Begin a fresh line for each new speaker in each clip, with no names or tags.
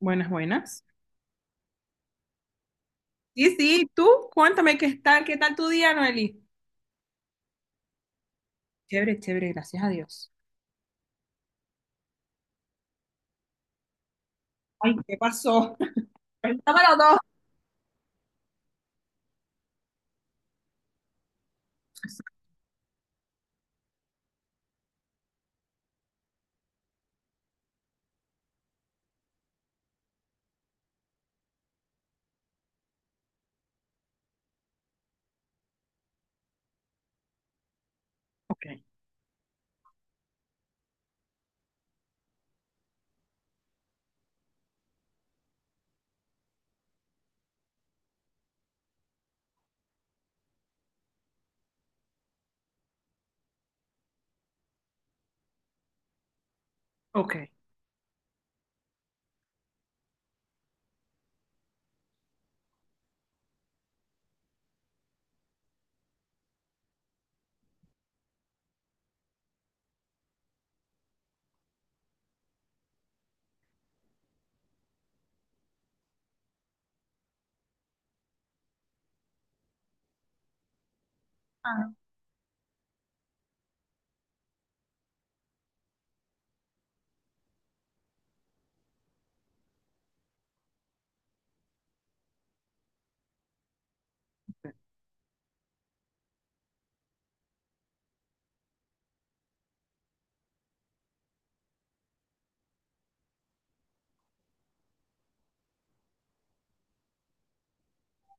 Buenas, buenas. Sí, sí, tú, cuéntame qué tal tu día, Noeli. Chévere, chévere, gracias a Dios. Ay, ¿qué pasó? Cuenta para dos. Ok, ok. Ah,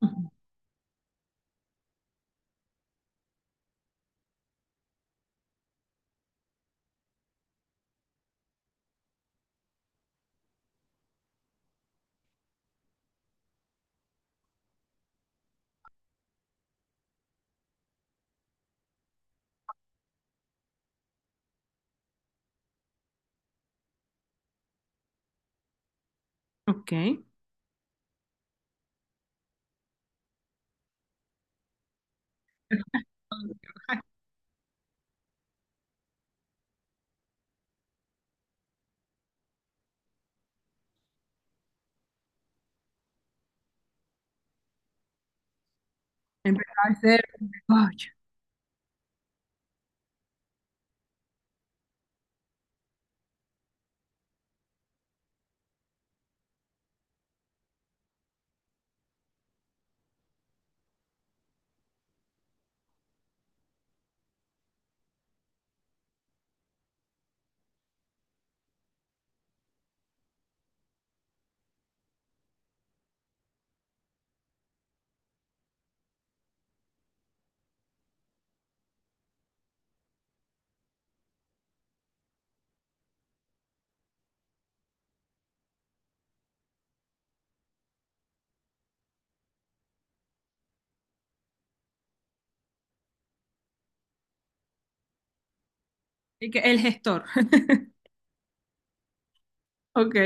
ujú. Ok. Empezar a ser. Ay, y que el gestor. Ok.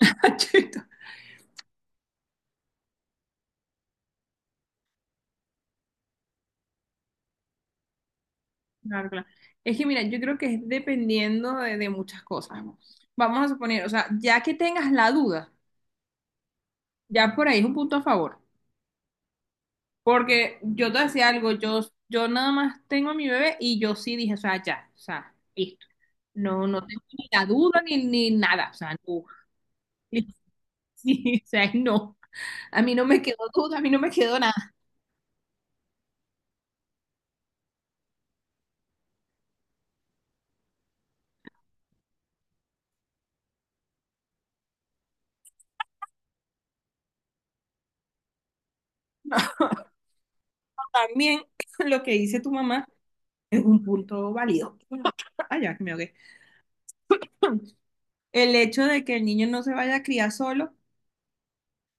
Chito. Claro, claro. Es que mira, yo creo que es dependiendo de muchas cosas. Vamos a suponer, o sea, ya que tengas la duda, ya por ahí es un punto a favor. Porque yo te decía algo, yo nada más tengo a mi bebé y yo sí dije, o sea, ya, o sea, listo. No, no tengo ni la duda ni nada, o sea, no. Sí, o sea, no. A mí no me quedó duda, a mí no me quedó nada. También lo que dice tu mamá es un punto válido. Ay, ya, que me ahogué. El hecho de que el niño no se vaya a criar solo,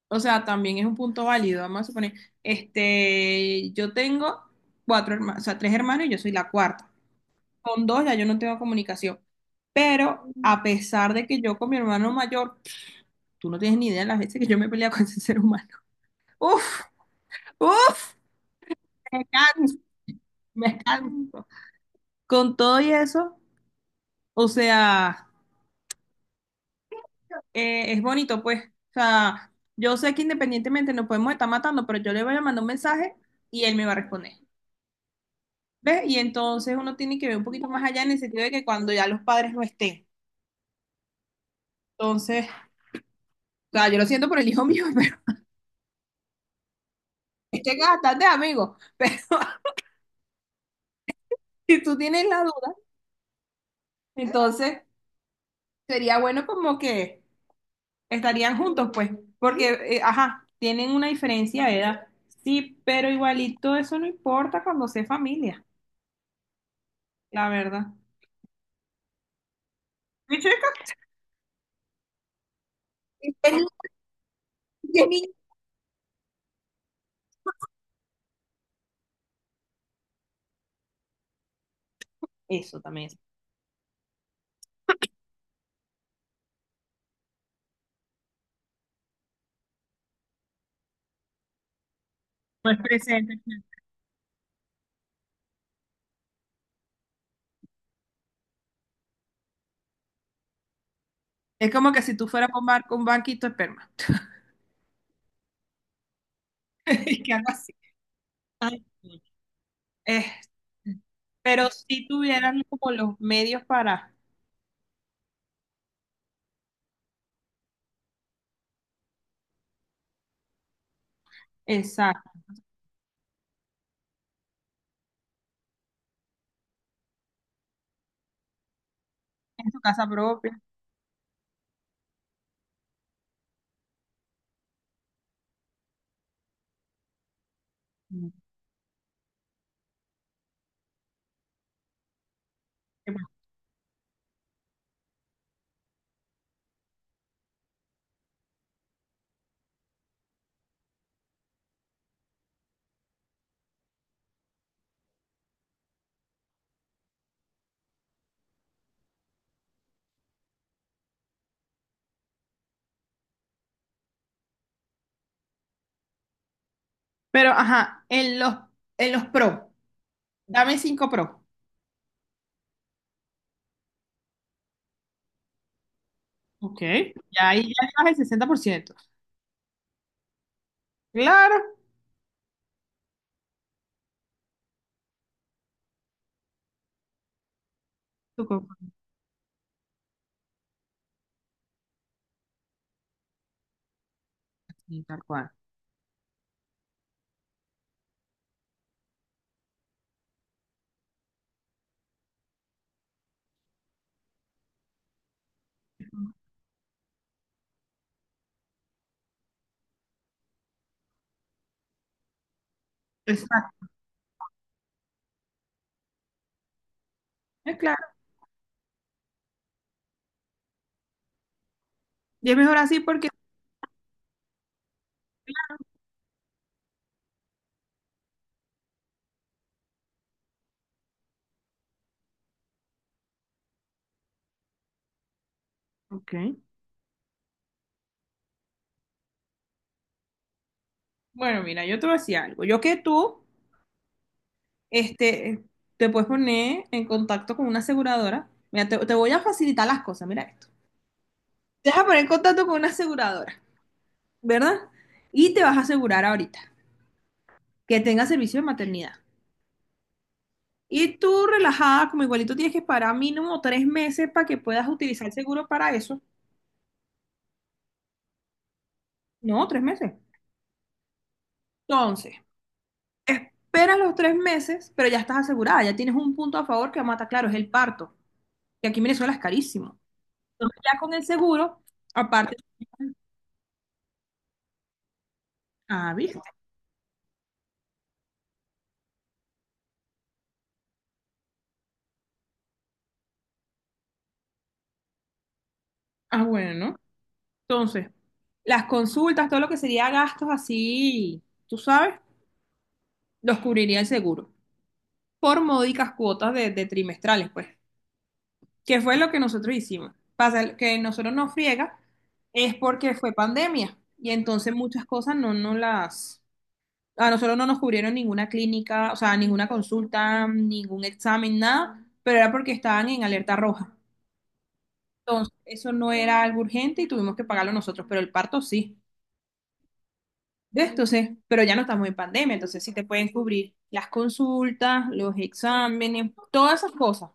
o sea, también es un punto válido. Vamos a suponer, este, yo tengo cuatro hermanos, o sea, tres hermanos y yo soy la cuarta. Con dos ya yo no tengo comunicación. Pero a pesar de que yo con mi hermano mayor, tú no tienes ni idea de las veces que yo me he peleado con ese ser humano. Uf, uf, me canso, me canso. Con todo y eso, o sea, es bonito, pues. O sea, yo sé que independientemente nos podemos estar matando, pero yo le voy a mandar un mensaje y él me va a responder. ¿Ves? Y entonces uno tiene que ver un poquito más allá en el sentido de que cuando ya los padres no estén. Entonces, o sea, yo lo siento por el hijo mío, pero este es bastante amigo. Pero si tú tienes la duda, entonces sería bueno como que estarían juntos, pues, porque, ajá, tienen una diferencia de edad. Sí, pero igualito eso no importa cuando sea familia, la verdad. Mi chica, el- el niño- eso también es. No es presente. Es como que si tú fueras con bar con banquito de esperma. Y que algo así. Ay, sí. Eh, pero si tuvieran como los medios para, exacto, en su casa propia. Mm. Pero, ajá, en los pro, dame 5 pro. Ok. Ya ahí ya estás el 60%. Claro, tu compu- sí, tal cual. Exacto, es claro. Y es mejor así porque, ok, bueno, mira, yo te voy a decir algo. Yo que tú, este, te puedes poner en contacto con una aseguradora. Mira, te voy a facilitar las cosas, mira esto. Te vas a poner en contacto con una aseguradora, ¿verdad? Y te vas a asegurar ahorita que tenga servicio de maternidad. Y tú relajada, como igualito tienes que esperar mínimo 3 meses para que puedas utilizar el seguro para eso. No, 3 meses. Entonces, esperas los 3 meses, pero ya estás asegurada, ya tienes un punto a favor que mata, claro, es el parto, que aquí en Venezuela es carísimo. Entonces, ya con el seguro, aparte, ah, ¿viste? Ah, bueno. Entonces, las consultas, todo lo que sería gastos así, tú sabes, los cubriría el seguro. Por módicas cuotas de, trimestrales, pues. ¿Qué fue lo que nosotros hicimos? Pasa que nosotros nos friega es porque fue pandemia y entonces muchas cosas no nos las... A nosotros no nos cubrieron ninguna clínica, o sea, ninguna consulta, ningún examen, nada, pero era porque estaban en alerta roja. Entonces, eso no era algo urgente y tuvimos que pagarlo nosotros, pero el parto sí. ¿Ves? Entonces, pero ya no estamos en pandemia, entonces sí te pueden cubrir las consultas, los exámenes, todas esas cosas.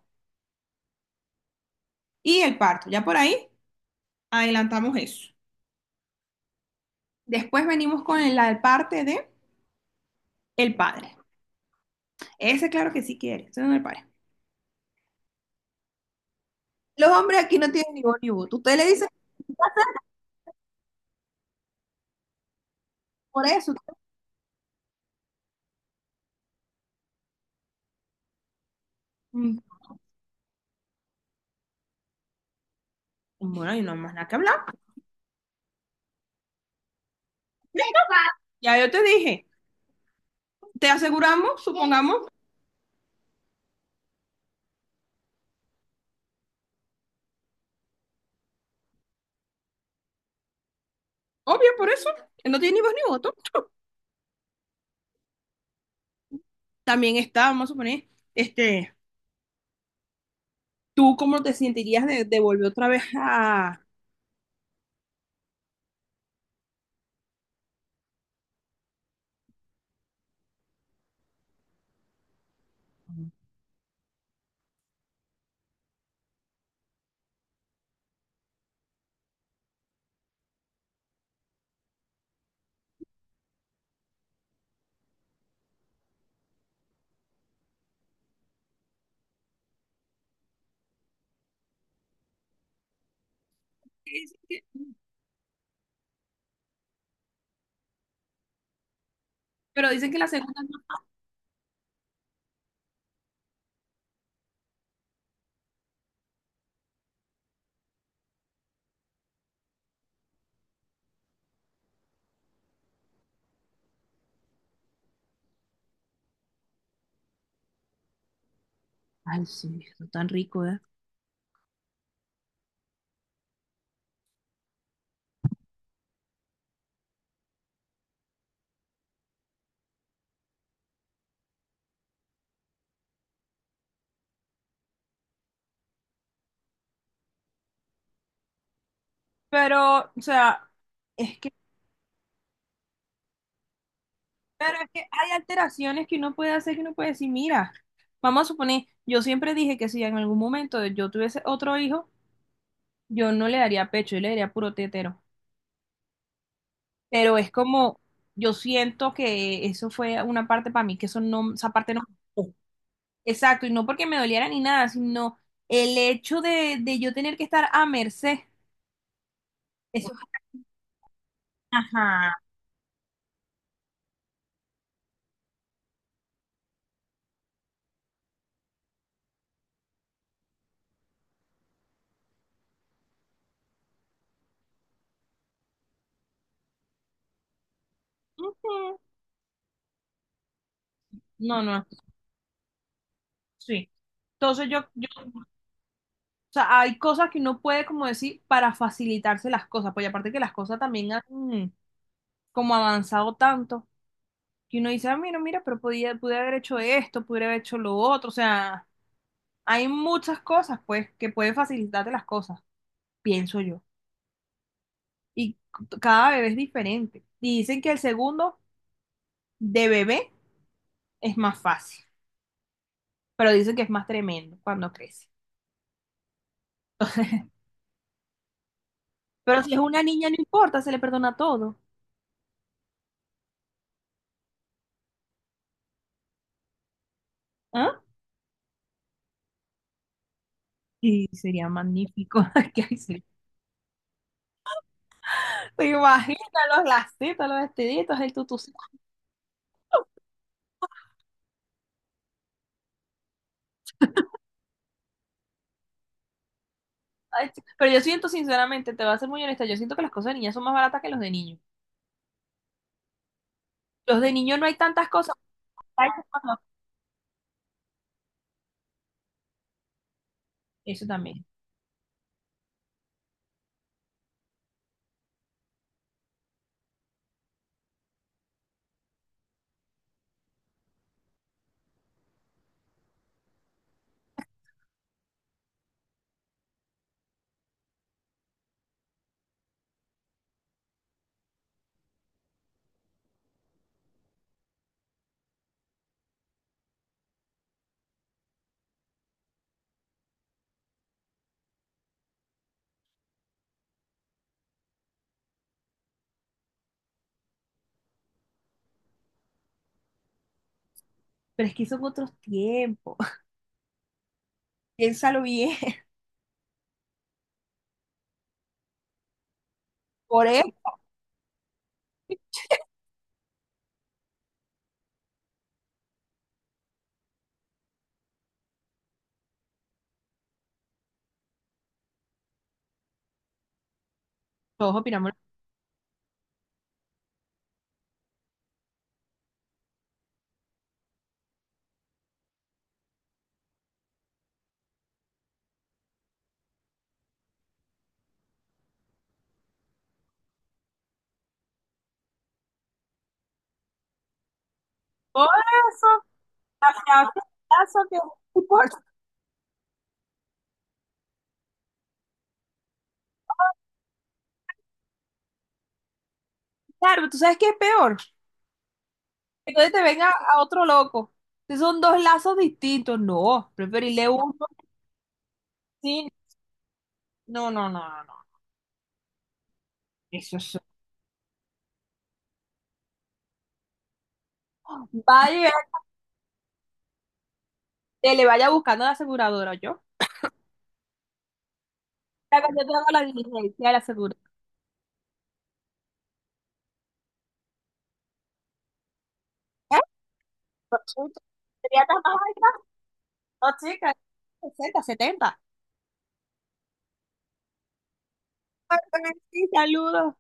Y el parto, ya por ahí adelantamos eso. Después venimos con la parte de el padre. Ese claro que sí quiere, ese no es el padre. Los hombres aquí no tienen ni voz ni voto. Usted le dice por eso. Mm. Bueno, y no hay más nada que hablar. Ya yo te dije, te aseguramos, supongamos, obvio por eso, que no tiene ni voz ni voto. También está, vamos a suponer, este, ¿tú cómo te sentirías de, volver otra vez a... Pero dicen que la segunda... Ay, sí, no tan rico, ¿eh? Pero, o sea, es que pero es que hay alteraciones que uno puede hacer que uno puede decir, mira, vamos a suponer, yo siempre dije que si en algún momento yo tuviese otro hijo, yo no le daría pecho, yo le daría puro tetero. Pero es como, yo siento que eso fue una parte para mí, que eso no, esa parte no me gustó. Exacto, y no porque me doliera ni nada, sino el hecho de yo tener que estar a merced. Eso, ajá. No, no, sí. Entonces yo o sea, hay cosas que uno puede, como decir, para facilitarse las cosas, pues y aparte que las cosas también han como avanzado tanto, que uno dice, ah, mira, mira, pero podía, pude haber hecho esto, pude haber hecho lo otro, o sea, hay muchas cosas, pues, que pueden facilitarte las cosas, pienso yo. Y cada bebé es diferente. Y dicen que el segundo de bebé es más fácil, pero dicen que es más tremendo cuando crece. Pero si es una niña, no importa, se le perdona todo. ¿Ah? Sí, sería magnífico. Que así te imaginas los lacitos, los vestiditos, el tutucito. Ay, sí. Pero yo siento, sinceramente, te voy a ser muy honesta, yo siento que las cosas de niñas son más baratas que los de niños. Los de niños no hay tantas cosas. Ay, cuando... eso también. Pero es que son otros tiempos. Piénsalo bien. Por eso, todos opinamos. Por eso, hacia otro caso y por- claro, ¿tú sabes qué es peor? Entonces te venga a otro loco. Entonces son dos lazos distintos. No, preferirle uno sin. No, no, no, no, no. Eso es. Vaya. Que le vaya buscando a la aseguradora, yo. Ya que yo te hago la diligencia de la aseguradora. ¿Eh? Por supuesto. ¿Sería tan más alta? No, chica, 60, 70. Sí, saludos.